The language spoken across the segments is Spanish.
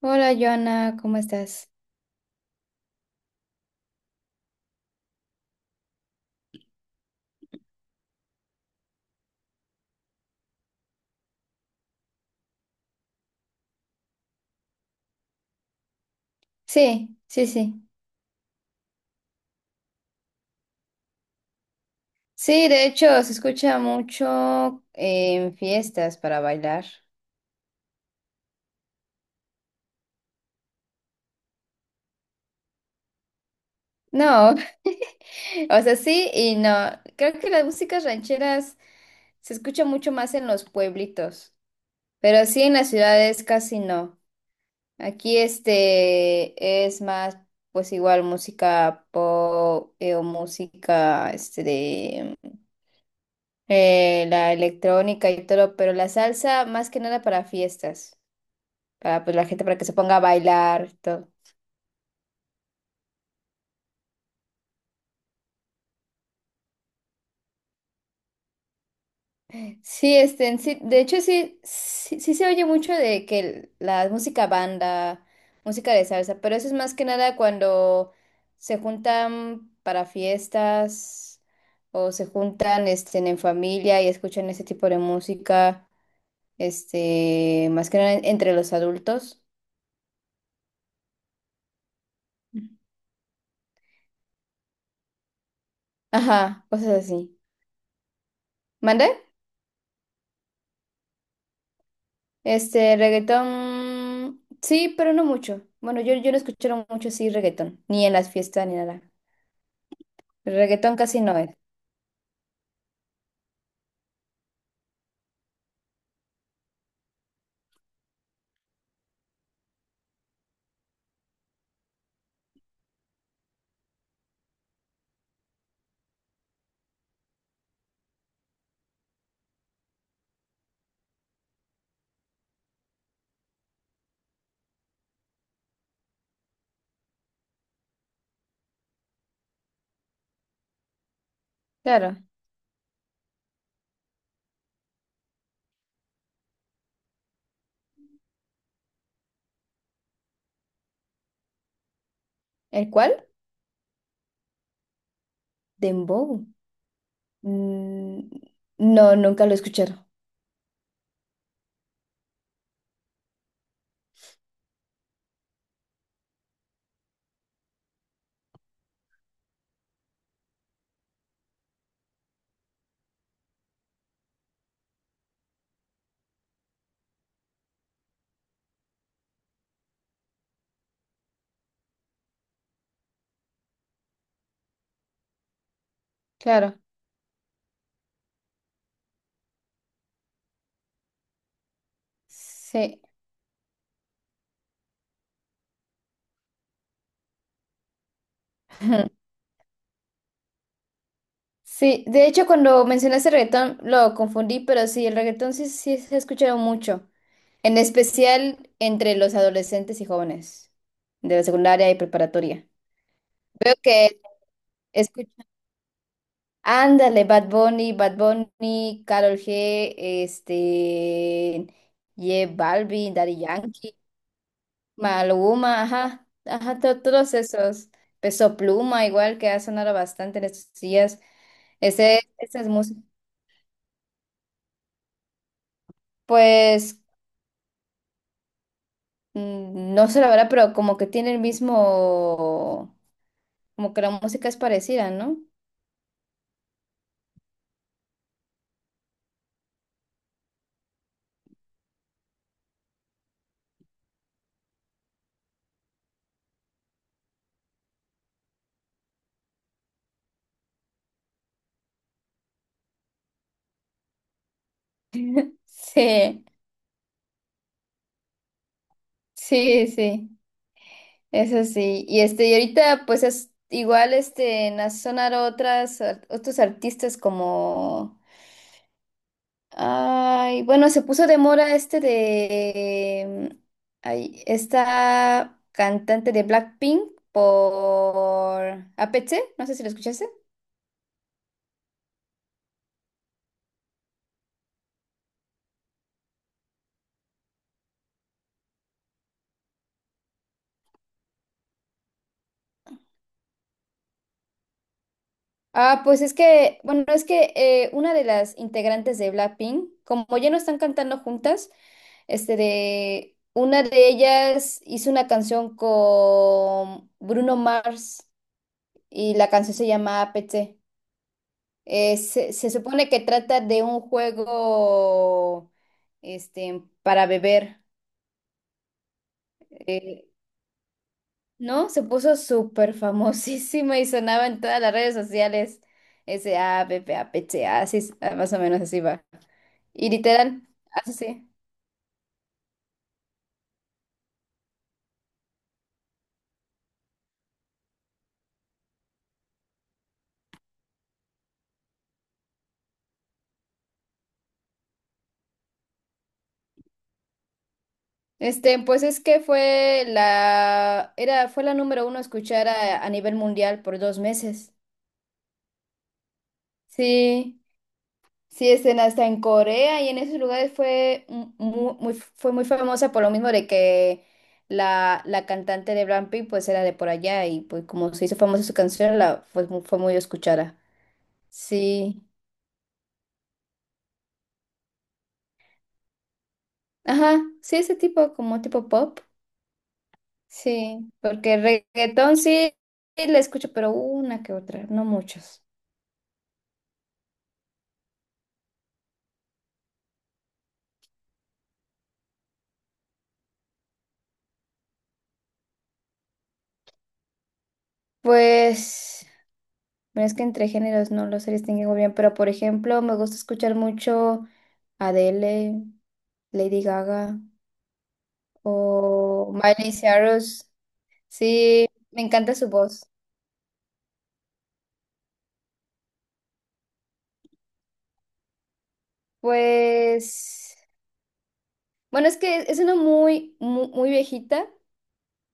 Hola, Joana, ¿cómo estás? Sí, sí, sí. Sí, de hecho, se escucha mucho en fiestas para bailar. No, o sea, sí y no. Creo que las músicas rancheras se escucha mucho más en los pueblitos, pero sí en las ciudades casi no. Aquí este es más, pues igual música pop o música este de la electrónica y todo, pero la salsa más que nada para fiestas, para pues la gente para que se ponga a bailar y todo. Sí, este, en sí, de hecho sí se oye mucho de que la música banda, música de salsa, pero eso es más que nada cuando se juntan para fiestas o se juntan este, en familia y escuchan ese tipo de música, este, más que nada entre los adultos. Ajá, cosas así. ¿Mande? Este, reggaetón, sí, pero no mucho. Bueno, yo no escucho mucho así reggaetón, ni en las fiestas ni nada. Reggaetón casi no es. Claro. ¿El cuál? Dembow. Mm, no, nunca lo escucharon. Claro. Sí. Sí, de hecho cuando mencionaste reggaetón lo confundí, pero sí, el reggaetón sí, sí se ha escuchado mucho, en especial entre los adolescentes y jóvenes de la secundaria y preparatoria. Veo que escuchan Ándale, Bad Bunny, Karol G, este, J Balvin, Daddy Yankee, Maluma, ajá, ajá, todos esos. Peso Pluma, igual que ha sonado bastante en estos días. Ese, esa es música. Pues, mm, no sé la verdad, pero como que tiene el mismo, como que la música es parecida, ¿no? Sí, sí, sí. Eso sí, y este, y ahorita pues es igual este en sonar otros artistas como ay, bueno, se puso de moda este de mm, ay, esta cantante de Blackpink por a APT, no sé si lo escuchaste. Ah, pues es que, bueno, es que una de las integrantes de Blackpink, como ya no están cantando juntas, este de una de ellas hizo una canción con Bruno Mars y la canción se llama APT. Se supone que trata de un juego este, para beber, eh, ¿no? Se puso súper famosísima y sonaba en todas las redes sociales. Ese APP, APT, así, es, ah, más o menos así va. Y literal, así sí. Este, pues es que fue la, era, fue la número uno a escuchar a nivel mundial por dos meses. Sí, sí, este, hasta en Corea y en esos lugares fue muy, fue muy famosa por lo mismo de que la cantante de Blackpink pues era de por allá y pues como se hizo famosa su canción, la, fue, fue muy escuchada. Sí, ajá, sí, ese tipo, como tipo pop. Sí, porque reggaetón sí, le escucho, pero una que otra, no muchos. Pues, bueno, es que entre géneros no los distinguen muy bien, pero por ejemplo, me gusta escuchar mucho Adele, Lady Gaga o Miley Cyrus. Sí, me encanta su voz. Pues, bueno, es que es una muy viejita.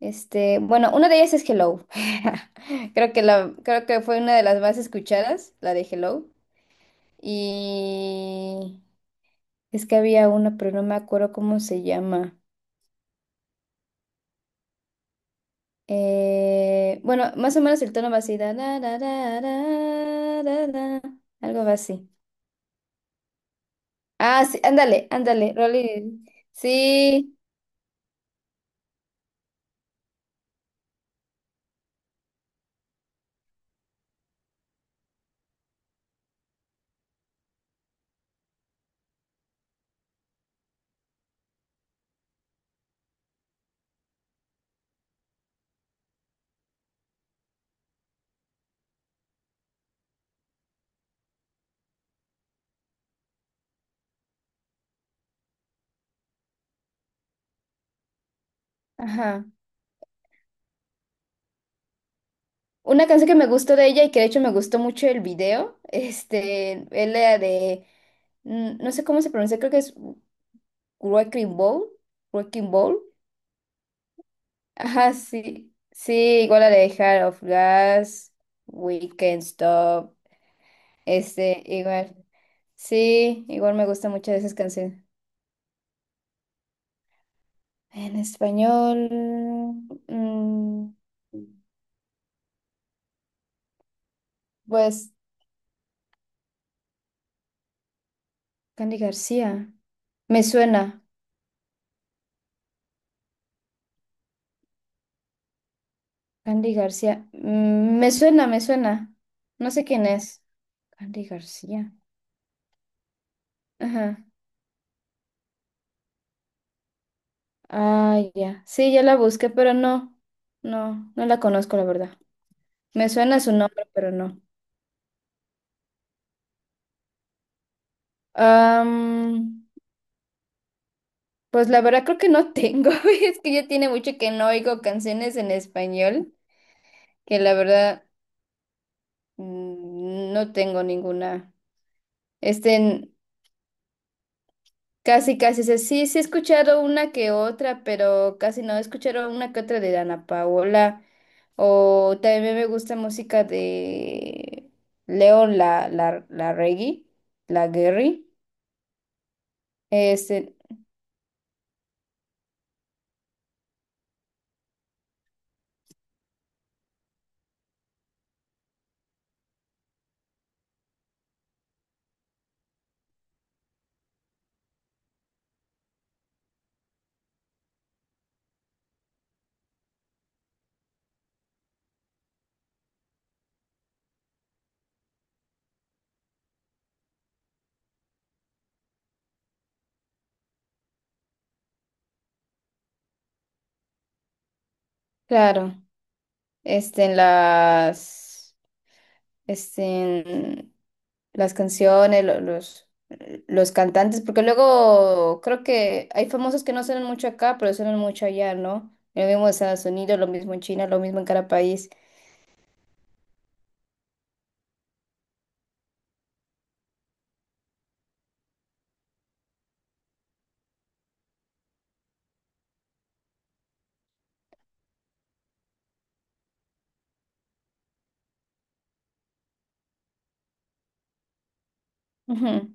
Este, bueno, una de ellas es Hello. Creo que la, creo que fue una de las más escuchadas, la de Hello. Y es que había una, pero no me acuerdo cómo se llama. Bueno, más o menos el tono va así. Da, da, da, da, da, da, da, algo va así. Ah, sí, ándale, Rolly. Sí, ajá. Una canción que me gustó de ella y que de hecho me gustó mucho el video, este, es la de, mm, no sé cómo se pronuncia, creo que es Wrecking Ball, Wrecking Ball. Ajá, sí. Sí, igual a la de Heart of Glass, We Can't Stop, este, igual. Sí, igual me gusta mucho de esas canciones. En español, mm, pues, Candy García. Me suena, Candy García. Mm, me suena. No sé quién es. Candy García. Ajá. Ah, ya. Sí, ya la busqué, pero no la conozco, la verdad. Me suena su nombre, pero no. Am, pues la verdad creo que no tengo, es que ya tiene mucho que no oigo canciones en español, que la verdad mm, no tengo ninguna. Este, en- casi, casi, sé, sí he escuchado una que otra, pero casi no he escuchado una que otra de Dana Paola, o también me gusta música de León, la Reggae, la Guerri, este, claro, este, en las... Este, las canciones, los cantantes, porque luego creo que hay famosos que no suenan mucho acá, pero suenan mucho allá, ¿no? Lo mismo en Estados Unidos, lo mismo en China, lo mismo en cada país. Ujú.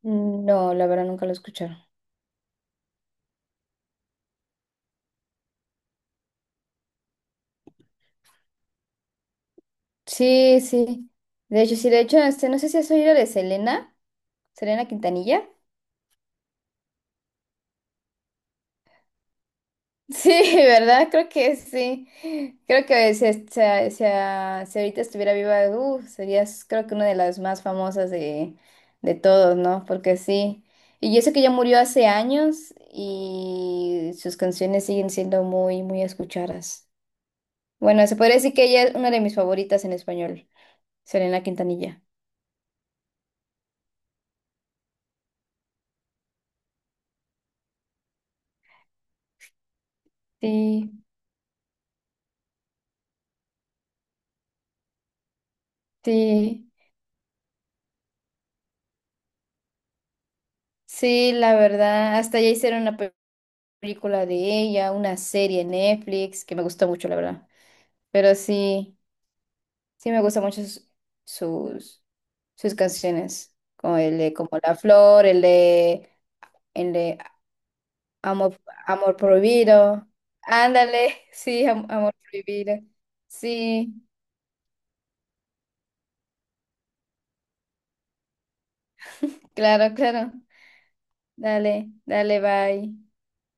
No, la verdad nunca lo escucharon. Sí, sí. De hecho, sí, de hecho, este, no sé si has oído de Selena Quintanilla. Sí, ¿verdad? Creo que sí. Creo que si, si, si ahorita estuviera viva, serías creo que una de las más famosas de todos, ¿no? Porque sí. Y yo sé que ya murió hace años y sus canciones siguen siendo muy escuchadas. Bueno, se podría decir que ella es una de mis favoritas en español, Selena Quintanilla. Sí, sí, sí, la verdad. Hasta ya hicieron una película de ella, una serie en Netflix que me gustó mucho, la verdad. Pero sí, sí me gustan mucho sus, sus canciones, como el de Como la Flor, el de Amor, Amor Prohibido. Ándale, sí, Amor Prohibido. Sí, claro, claro. Dale, dale, bye.